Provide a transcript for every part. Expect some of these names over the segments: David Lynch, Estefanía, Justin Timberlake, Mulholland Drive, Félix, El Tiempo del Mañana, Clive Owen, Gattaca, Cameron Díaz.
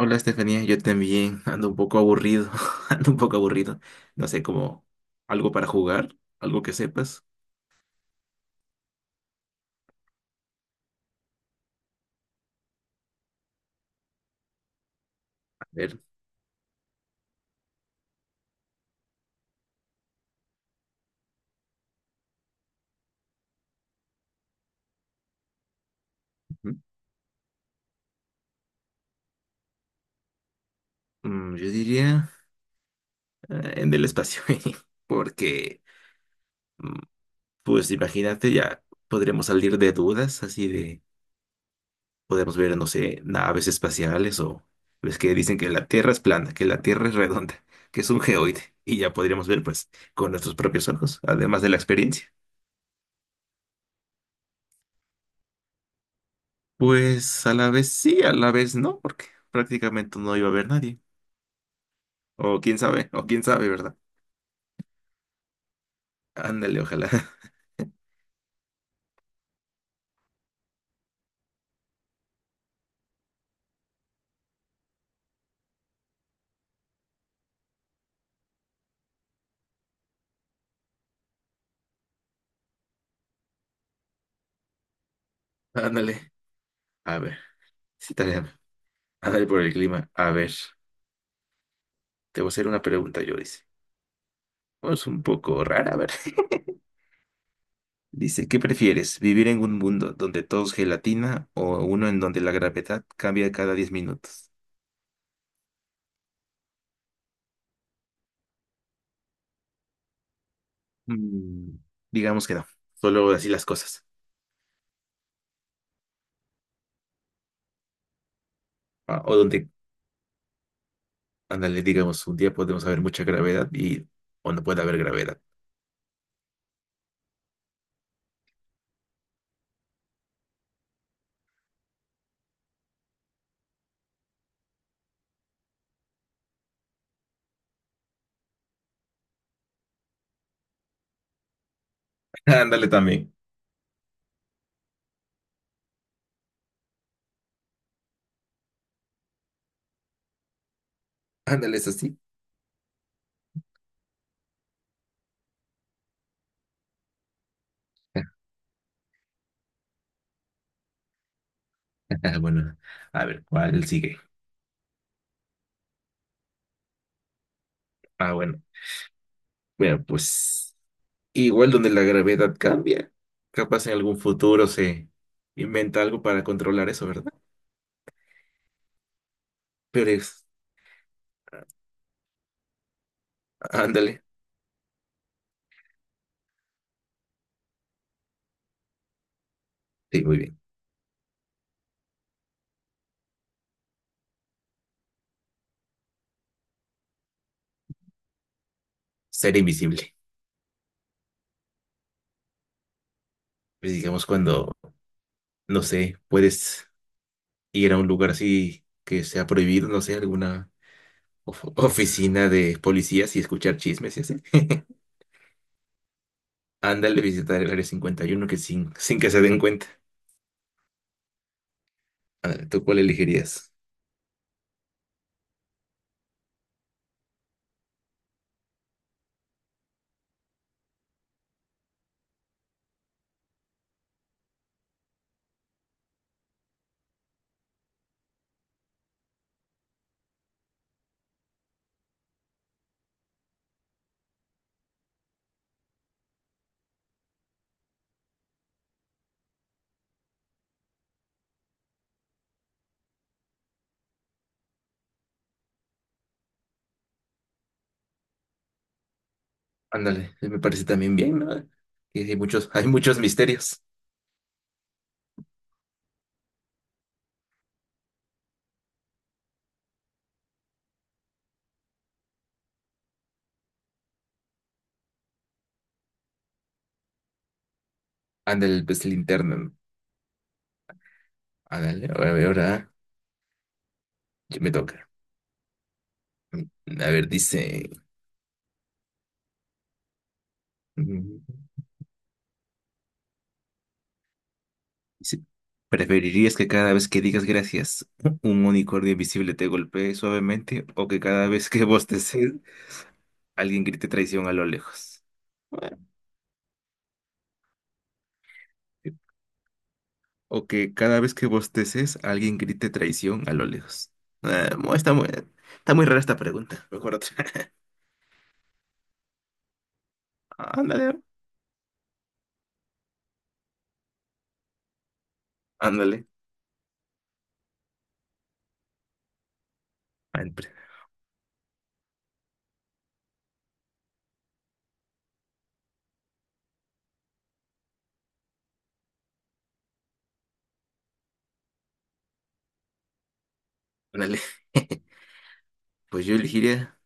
Hola Estefanía, yo también ando un poco aburrido, ando un poco aburrido. No sé, como algo para jugar, algo que sepas. A ver, ujú. Yo diría en el espacio, porque mm, pues imagínate, ya podremos salir de dudas, así de podemos ver, no sé, naves espaciales o ves que dicen que la Tierra es plana, que la Tierra es redonda, que es un geoide y ya podríamos ver pues con nuestros propios ojos, además de la experiencia. Pues a la vez sí, a la vez no, porque prácticamente no iba a haber nadie. O quién sabe, ¿verdad? Ándale, ojalá. Ándale. A ver, sí, tarea. Ándale por el clima. A ver, te voy a hacer una pregunta, yo dice. Oh, es un poco rara, a ver. Dice, ¿qué prefieres? ¿Vivir en un mundo donde todo es gelatina o uno en donde la gravedad cambia cada 10 minutos? Mm, digamos que no, solo así las cosas. Ah, o donde, ándale, digamos, un día podemos haber mucha gravedad y o no puede haber gravedad. Ándale también. Ándale, es así. Bueno, a ver, ¿cuál sigue? Ah, bueno. Bueno, pues igual donde la gravedad cambia. Capaz en algún futuro se inventa algo para controlar eso, ¿verdad? Pero es, ándale. Sí, muy bien. Ser invisible. Pues digamos cuando, no sé, puedes ir a un lugar así que sea prohibido, no sé, alguna oficina de policías y escuchar chismes y así. Ándale, visitar el área 51 que sin, sin que se den cuenta. Ándale, ¿tú cuál elegirías? Ándale, me parece también bien, ¿no? Y hay muchos misterios. Ándale, pues linterna, ¿no? Ándale, ahora, ahora ya me toca. A ver, dice, mm, dice, ¿preferirías que cada vez que digas gracias, un unicornio invisible te golpee suavemente o que cada vez que bosteces, alguien grite traición a lo lejos? Bueno, o que cada vez que bosteces, alguien grite traición a lo lejos. Ah, está muy rara esta pregunta. Mejor otra. Ándale, ándale, ándale, ándale. Pues yo elegiría,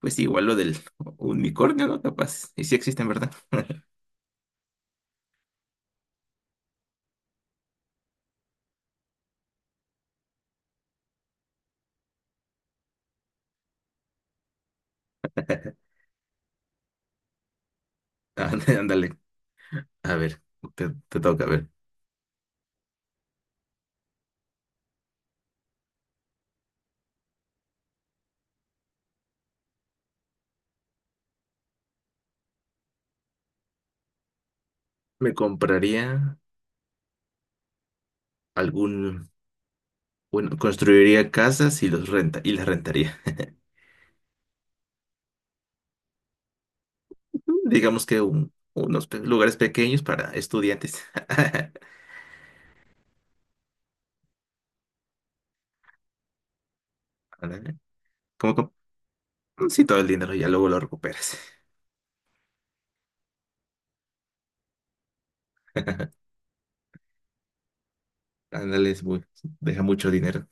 pues igual lo del unicornio, ¿no? Capaz. Y sí existen, ¿verdad? Ándale, ándale. A ver, te toca, a ver. Me compraría algún, bueno, construiría casas y los renta, y las rentaría. Digamos que unos lugares pequeños para estudiantes. Ándale. Como, como, sí, todo el dinero ya luego lo recuperas. Ándale, es muy, deja mucho dinero.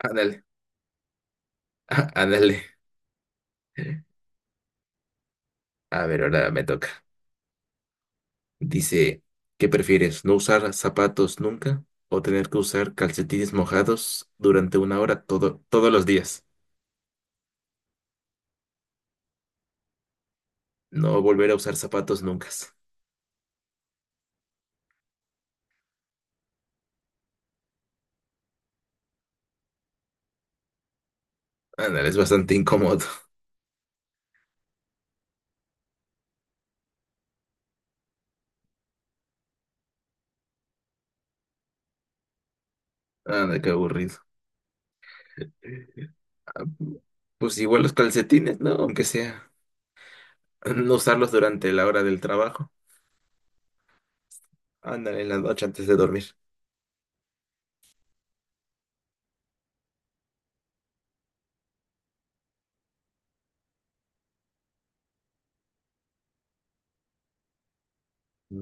Ándale. Ándale. A ver, ahora me toca. Dice, ¿qué prefieres? ¿No usar zapatos nunca o tener que usar calcetines mojados durante una hora todos los días? No volver a usar zapatos nunca. Ándale, es bastante incómodo. Ándale, qué aburrido. Ah, pues igual los calcetines, ¿no? Aunque sea no usarlos durante la hora del trabajo. Ándale, en la noche antes de dormir.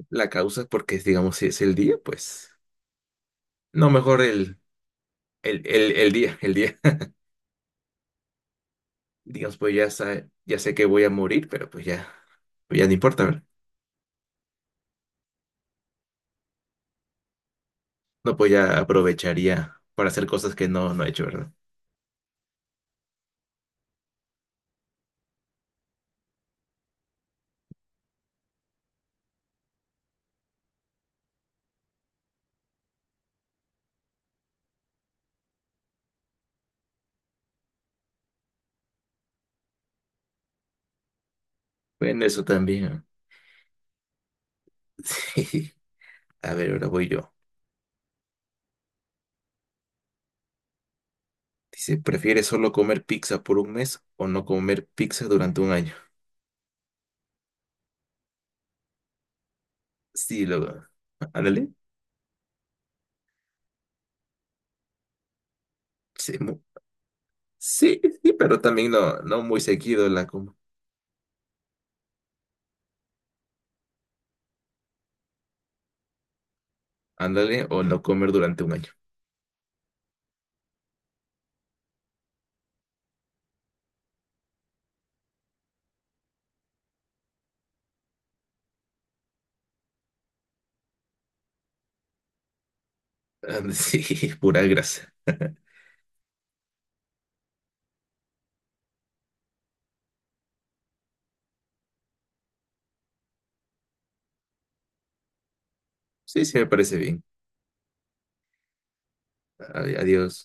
La causa, porque digamos, si es el día, pues no, mejor el día. Digamos, pues ya sé que voy a morir, pero pues ya. Pues, ya no importa, ¿verdad? No, pues ya aprovecharía para hacer cosas que no he hecho, ¿verdad? Bueno, eso también. Sí. A ver, ahora voy yo. Dice, ¿prefieres solo comer pizza por un mes o no comer pizza durante un año? Sí, lo... Ándale. Sí, sí, sí, pero también no muy seguido la como. Ándale, o no comer durante un año. Ándale. Sí, pura grasa. Sí, sí, me parece bien. Adiós.